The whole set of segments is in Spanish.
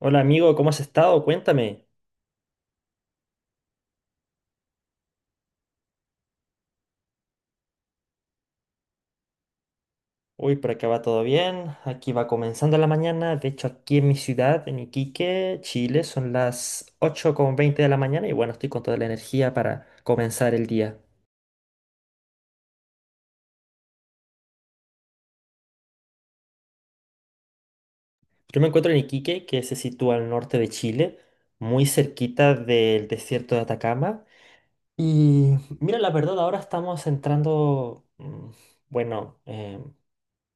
Hola amigo, ¿cómo has estado? Cuéntame. Uy, por acá va todo bien. Aquí va comenzando la mañana. De hecho, aquí en mi ciudad, en Iquique, Chile, son las 8:20 de la mañana y bueno, estoy con toda la energía para comenzar el día. Yo me encuentro en Iquique, que se sitúa al norte de Chile, muy cerquita del desierto de Atacama. Y mira, la verdad, ahora estamos entrando, bueno, em,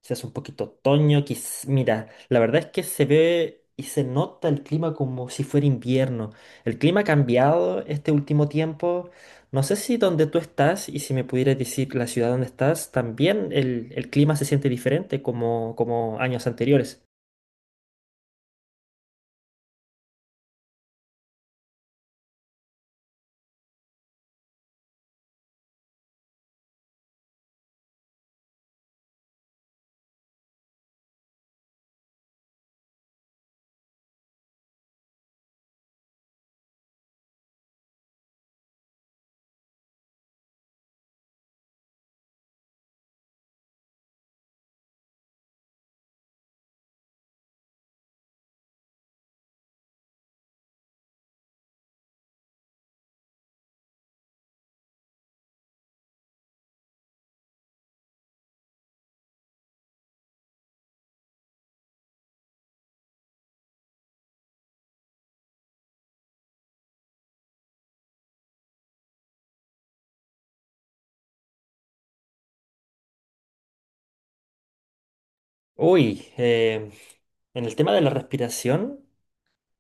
Se hace un poquito otoño, mira, la verdad es que se ve y se nota el clima como si fuera invierno. El clima ha cambiado este último tiempo. No sé si donde tú estás y si me pudieras decir la ciudad donde estás, también el clima se siente diferente como años anteriores. Uy, en el tema de la respiración.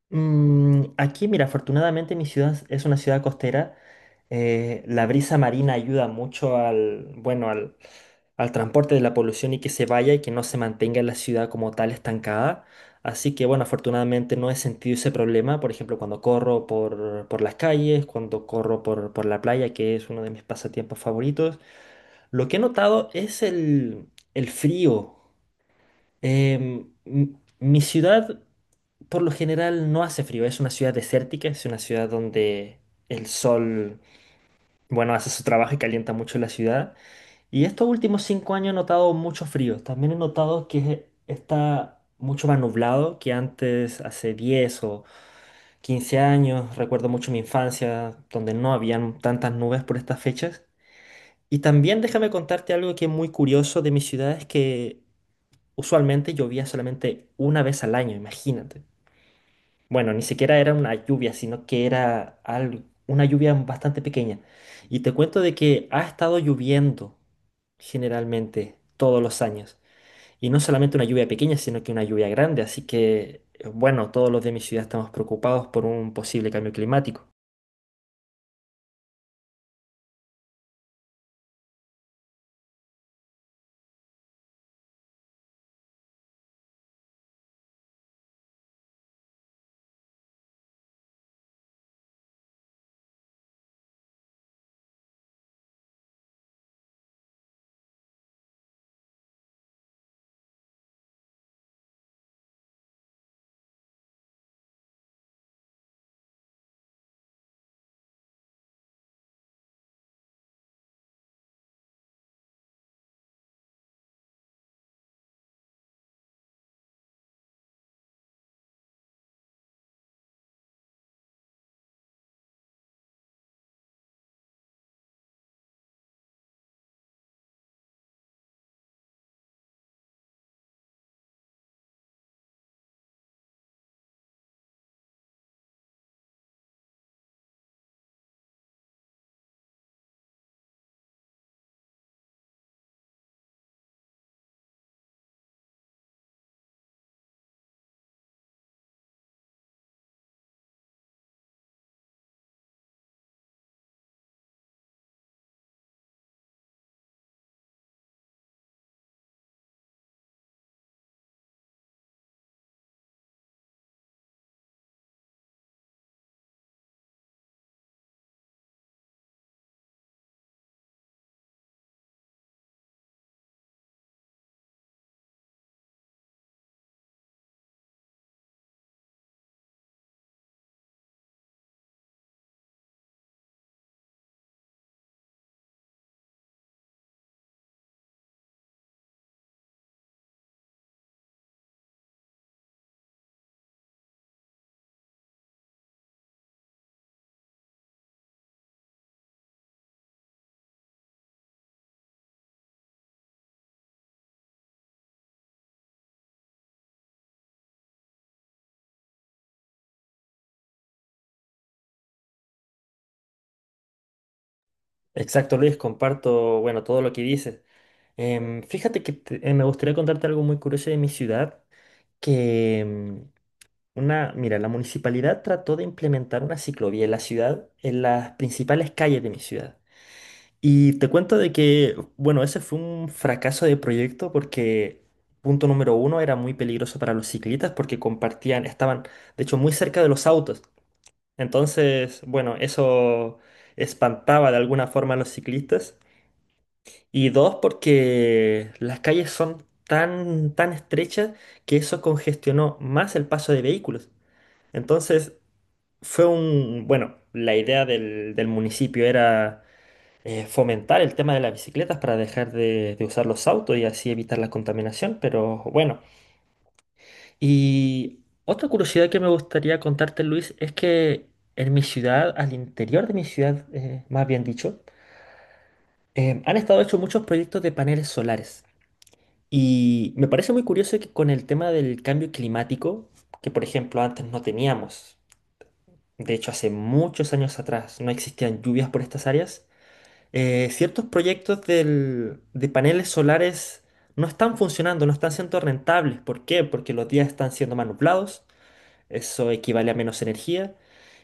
Mm, aquí, mira, afortunadamente mi ciudad es una ciudad costera. La brisa marina ayuda mucho al transporte de la polución y que se vaya y que no se mantenga la ciudad como tal estancada. Así que, bueno, afortunadamente no he sentido ese problema. Por ejemplo, cuando corro por las calles, cuando corro por la playa, que es uno de mis pasatiempos favoritos. Lo que he notado es el frío. Em, m- Mi ciudad por lo general no hace frío, es una ciudad desértica, es una ciudad donde el sol, bueno, hace su trabajo y calienta mucho la ciudad. Y estos últimos 5 años he notado mucho frío. También he notado que está mucho más nublado que antes, hace 10 o 15 años. Recuerdo mucho mi infancia, donde no habían tantas nubes por estas fechas. Y también déjame contarte algo que es muy curioso de mi ciudad, es que usualmente llovía solamente una vez al año, imagínate. Bueno, ni siquiera era una lluvia, sino que era una lluvia bastante pequeña. Y te cuento de que ha estado lloviendo generalmente todos los años. Y no solamente una lluvia pequeña, sino que una lluvia grande. Así que, bueno, todos los de mi ciudad estamos preocupados por un posible cambio climático. Exacto, Luis, comparto, bueno, todo lo que dices. Em, fíjate que me gustaría contarte algo muy curioso de mi ciudad, que una, mira, la municipalidad trató de implementar una ciclovía en la ciudad, en las principales calles de mi ciudad. Y te cuento de que, bueno, ese fue un fracaso de proyecto porque, punto número uno, era muy peligroso para los ciclistas porque compartían, estaban, de hecho, muy cerca de los autos. Entonces, bueno, eso espantaba de alguna forma a los ciclistas. Y dos, porque las calles son tan estrechas que eso congestionó más el paso de vehículos. Entonces, fue un, bueno, la idea del municipio era fomentar el tema de las bicicletas para dejar de usar los autos y así evitar la contaminación, pero bueno. Y otra curiosidad que me gustaría contarte, Luis, es que en mi ciudad, al interior de mi ciudad, más bien dicho, han estado hechos muchos proyectos de paneles solares. Y me parece muy curioso que con el tema del cambio climático, que por ejemplo antes no teníamos. De hecho, hace muchos años atrás no existían lluvias por estas áreas. Ciertos proyectos de paneles solares no están funcionando, no están siendo rentables. ¿Por qué? Porque los días están siendo más nublados, eso equivale a menos energía.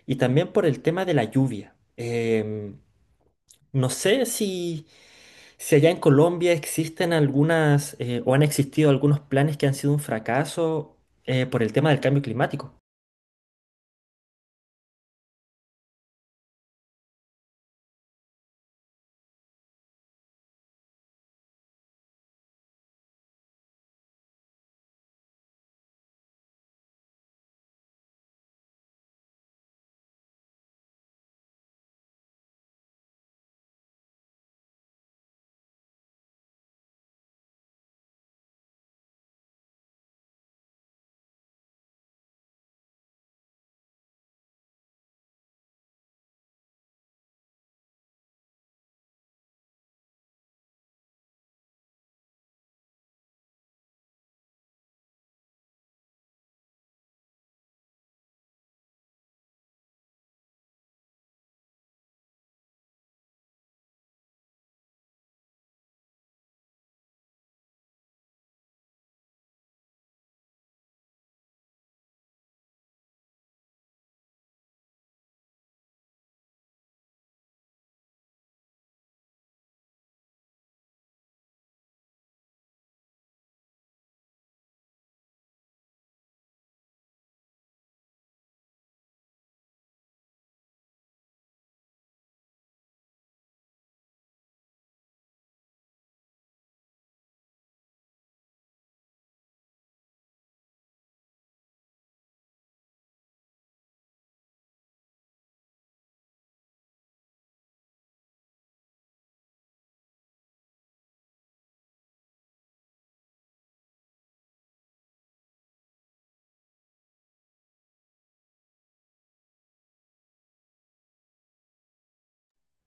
Y también por el tema de la lluvia. Em, no sé si, si allá en Colombia existen algunas o han existido algunos planes que han sido un fracaso por el tema del cambio climático.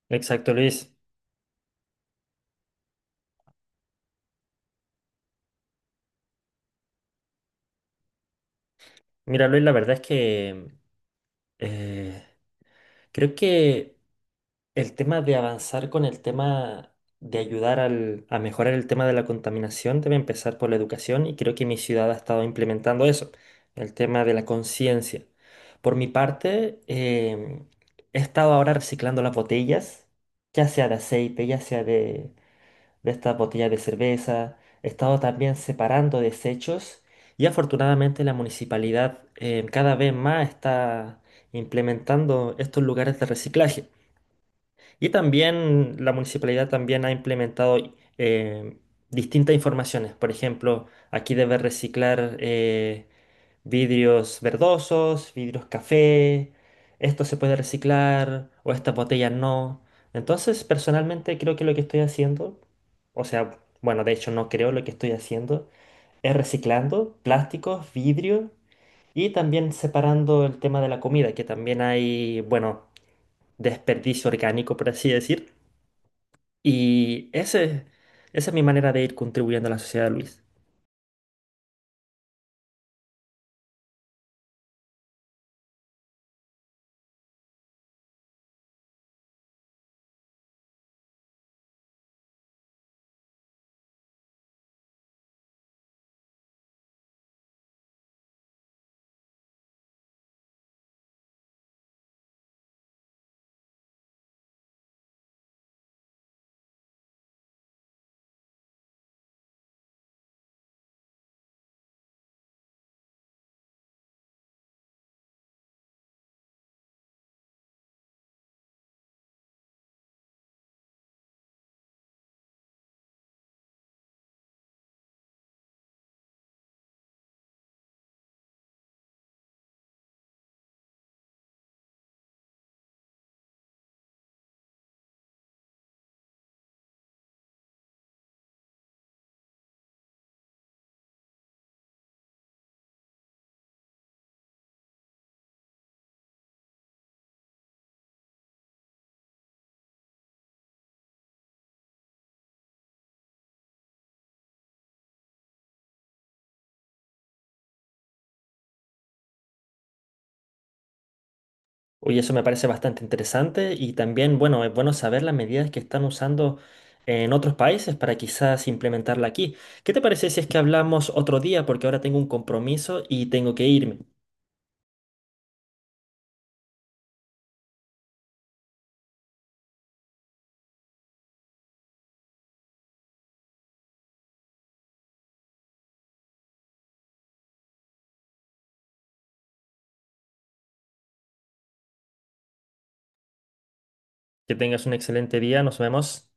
Exacto, Luis. Mira, Luis, la verdad es que Eh, creo que el tema de avanzar con el tema de ayudar a mejorar el tema de la contaminación debe empezar por la educación y creo que mi ciudad ha estado implementando eso, el tema de la conciencia. Por mi parte, he estado ahora reciclando las botellas, ya sea de aceite, ya sea de estas botellas de cerveza. He estado también separando desechos y afortunadamente la municipalidad cada vez más está implementando estos lugares de reciclaje. Y también la municipalidad también ha implementado eh, distintas informaciones. Por ejemplo, aquí debes reciclar. Vidrios verdosos, vidrios café, esto se puede reciclar o estas botellas no. Entonces, personalmente creo que lo que estoy haciendo, o sea, bueno, de hecho no creo lo que estoy haciendo, es reciclando plásticos, vidrio y también separando el tema de la comida, que también hay, bueno, desperdicio orgánico, por así decir. Y esa es mi manera de ir contribuyendo a la sociedad, Luis. Oye, eso me parece bastante interesante y también, bueno, es bueno saber las medidas que están usando en otros países para quizás implementarla aquí. ¿Qué te parece si es que hablamos otro día? Porque ahora tengo un compromiso y tengo que irme. Que tengas un excelente día, nos vemos.